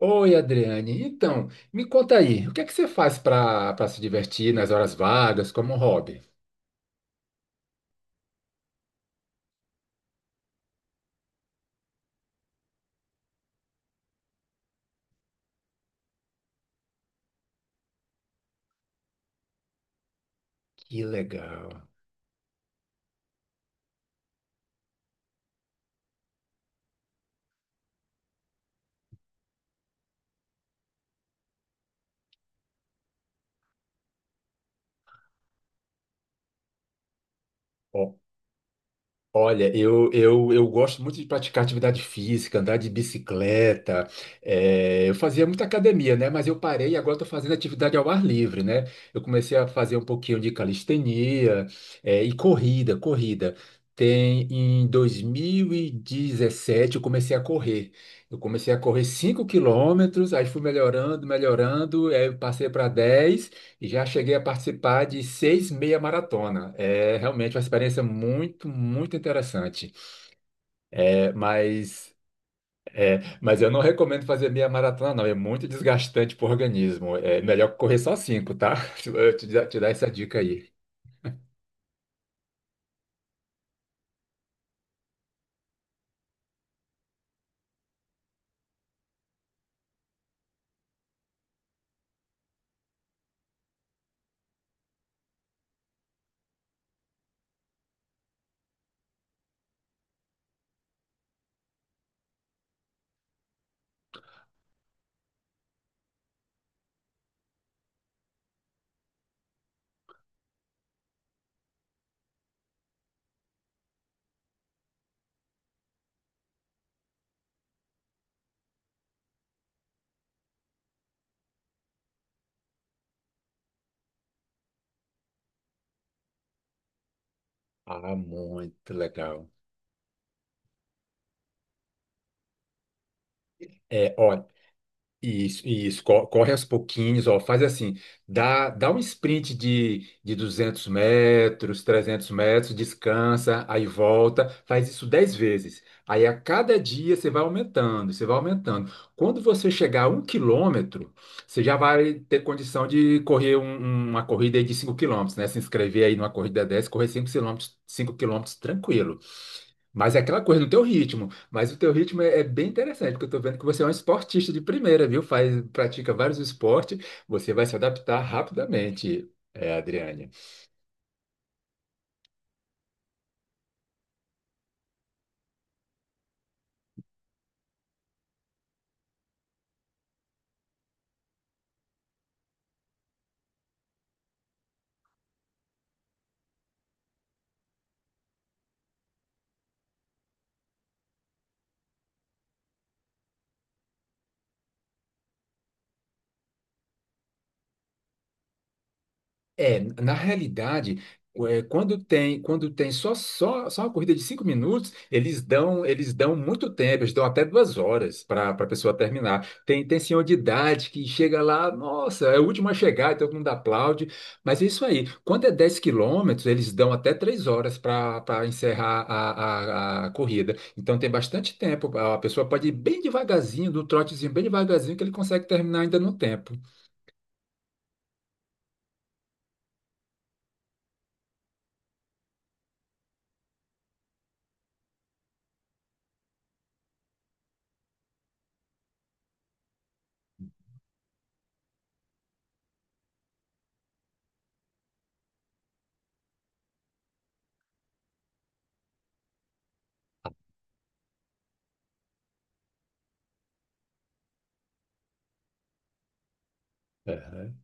Oi, Adriane. Então, me conta aí, o que é que você faz para se divertir nas horas vagas como hobby? Que legal. Olha, eu gosto muito de praticar atividade física, andar de bicicleta. Eu fazia muita academia, né? Mas eu parei e agora estou fazendo atividade ao ar livre, né? Eu comecei a fazer um pouquinho de calistenia, e corrida. Tem em 2017 eu comecei a correr. Eu comecei a correr 5 quilômetros, aí fui melhorando, melhorando, aí eu passei para 10. E já cheguei a participar de 6 meia maratona. É realmente uma experiência muito, muito interessante. É, mas, mas eu não recomendo fazer meia maratona, não. É muito desgastante para o organismo. É melhor correr só cinco, tá? Te dar essa dica aí. Ah, muito legal. É, ó. Isso, corre aos pouquinhos, ó, faz assim, dá um sprint de 200 metros, 300 metros, descansa, aí volta, faz isso 10 vezes. Aí a cada dia você vai aumentando, você vai aumentando. Quando você chegar a 1 quilômetro, você já vai ter condição de correr uma corrida aí de 5 quilômetros, né? Se inscrever aí numa corrida dessa, correr 5 quilômetros, 5 quilômetros tranquilo. Mas é aquela coisa no teu ritmo. Mas o teu ritmo é bem interessante, porque eu tô vendo que você é um esportista de primeira, viu? Pratica vários esportes, você vai se adaptar rapidamente, é, Adriane. É, na realidade, quando tem só, só uma corrida de 5 minutos, eles dão muito tempo, eles dão até 2 horas para a pessoa terminar. Tem senhor de idade que chega lá, nossa, é o último a chegar, e todo mundo aplaude. Mas é isso aí. Quando é 10 quilômetros, eles dão até 3 horas para encerrar a corrida. Então tem bastante tempo. A pessoa pode ir bem devagarzinho, do trotezinho bem devagarzinho, que ele consegue terminar ainda no tempo. Aham.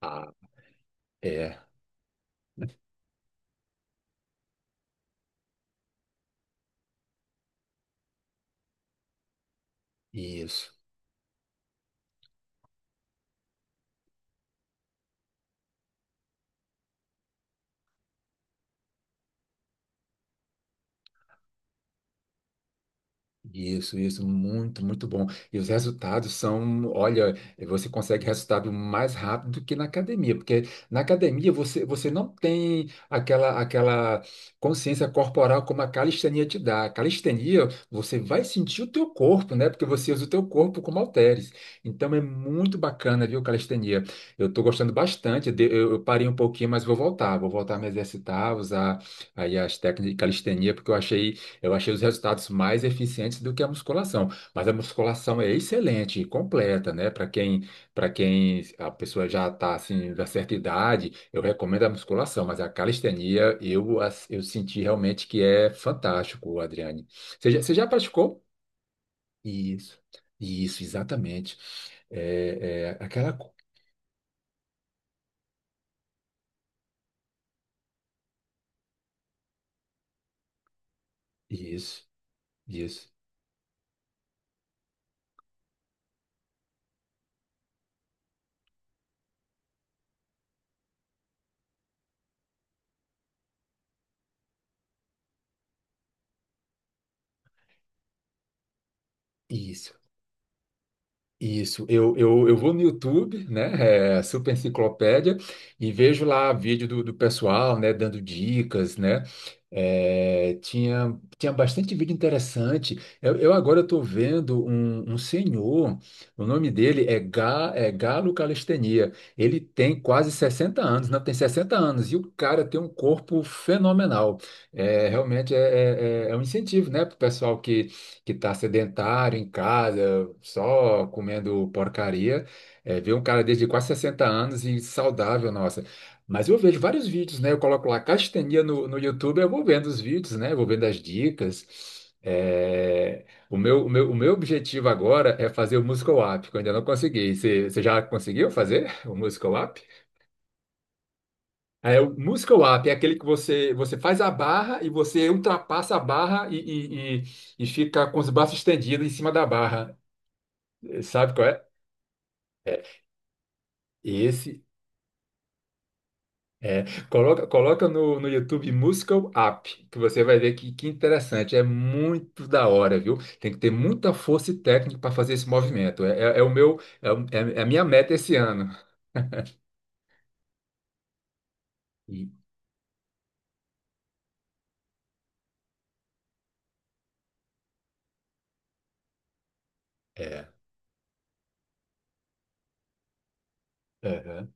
Ah, é, isso. Isso, muito, muito bom. E os resultados são, olha, você consegue resultado mais rápido do que na academia, porque na academia você não tem aquela consciência corporal como a calistenia te dá. A calistenia, você vai sentir o teu corpo, né? Porque você usa o teu corpo como halteres. Então é muito bacana, viu, calistenia? Eu estou gostando bastante. Eu parei um pouquinho, mas vou voltar. Vou voltar a me exercitar, usar aí as técnicas de calistenia, porque eu achei os resultados mais eficientes do que a musculação, mas a musculação é excelente, completa, né? Para quem a pessoa já está assim da certa idade, eu recomendo a musculação, mas a calistenia eu senti realmente que é fantástico, Adriane. Você já praticou? Isso, isso, exatamente. É, é aquela co- isso, isso, isso. Isso, eu vou no YouTube, né, Super Enciclopédia, e vejo lá vídeo do pessoal, né, dando dicas, né. Tinha bastante vídeo interessante, eu agora estou vendo um senhor, o nome dele é Galo Calistenia, ele tem quase 60 anos, não, tem 60 anos, e o cara tem um corpo fenomenal, realmente é um incentivo, né, para o pessoal que está sedentário em casa, só comendo porcaria, ver um cara desde quase 60 anos e saudável, nossa. Mas eu vejo vários vídeos, né? Eu coloco lá castenia no YouTube, eu vou vendo os vídeos, né? Vou vendo as dicas. É, o meu objetivo agora é fazer o Muscle Up, que eu ainda não consegui. Você já conseguiu fazer o Muscle Up? É, o Muscle Up é aquele que você faz a barra e você ultrapassa a barra e fica com os braços estendidos em cima da barra. Sabe qual é? É, Esse é. Coloca no YouTube Muscle Up, que você vai ver que interessante. É muito da hora, viu? Tem que ter muita força e técnica para fazer esse movimento. É, é, é o meu, é, o- É a minha meta esse ano. E- É, aham,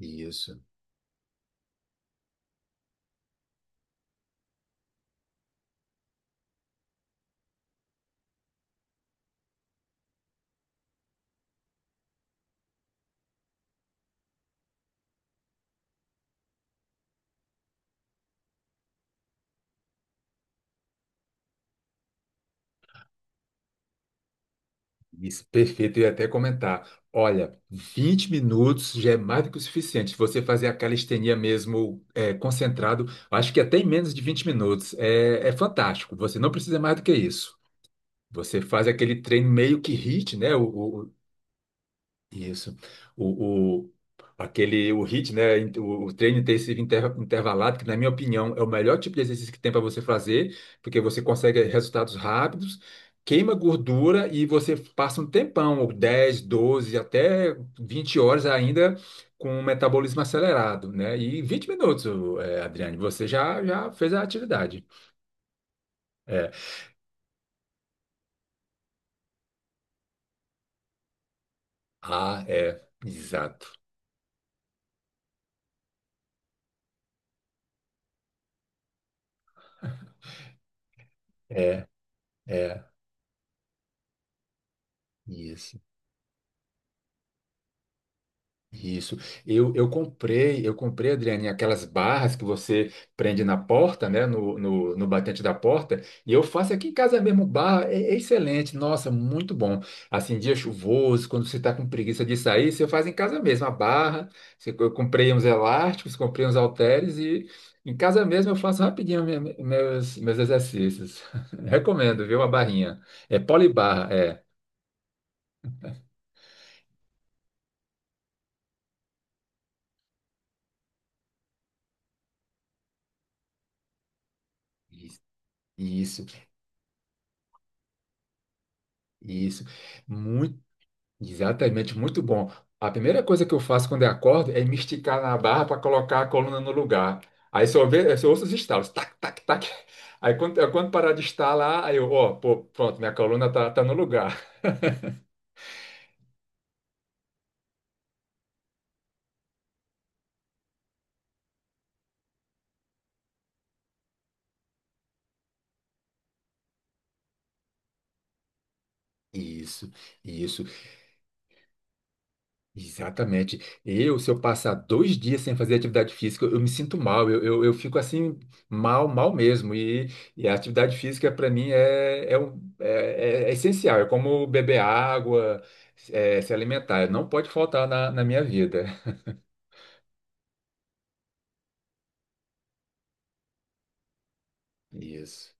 isso. Isso, perfeito. Eu ia até comentar. Olha, 20 minutos já é mais do que o suficiente. Se você fazer a calistenia mesmo, concentrado, acho que até em menos de 20 minutos. É fantástico. Você não precisa mais do que isso. Você faz aquele treino meio que HIIT, né? O, isso. O, o, o HIIT, né? O treino intensivo intervalado, que na minha opinião é o melhor tipo de exercício que tem para você fazer, porque você consegue resultados rápidos, queima gordura e você passa um tempão, ou 10 12 até 20 horas ainda com o metabolismo acelerado, né? E 20 minutos, Adriane, você já fez a atividade. É. Ah, é. Exato. É. Isso. Isso. Eu comprei, Adriane, aquelas barras que você prende na porta, né? No batente da porta, e eu faço aqui em casa mesmo, barra, é excelente, nossa, muito bom. Assim, dia chuvoso, quando você está com preguiça de sair, você faz em casa mesmo, a barra. Eu comprei uns elásticos, comprei uns halteres e em casa mesmo eu faço rapidinho meus exercícios. Recomendo, viu? A barrinha. É polibarra. Isso, isso. Isso. muito Exatamente, muito bom. A primeira coisa que eu faço quando eu acordo é me esticar na barra para colocar a coluna no lugar. Aí só ouço os estalos, tac, tac, tac. Aí quando parar de estalar, aí eu, ó, pô, pronto, minha coluna tá no lugar. Isso, isso. Exatamente. Se eu passar 2 dias sem fazer atividade física, eu me sinto mal, eu fico assim, mal, mal mesmo. E a atividade física, para mim, é essencial. É como beber água, se alimentar. Não pode faltar na minha vida. Isso,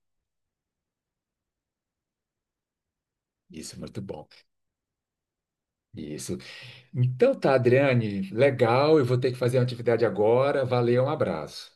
isso, muito bom. Isso. Então tá, Adriane, legal. Eu vou ter que fazer uma atividade agora. Valeu, um abraço.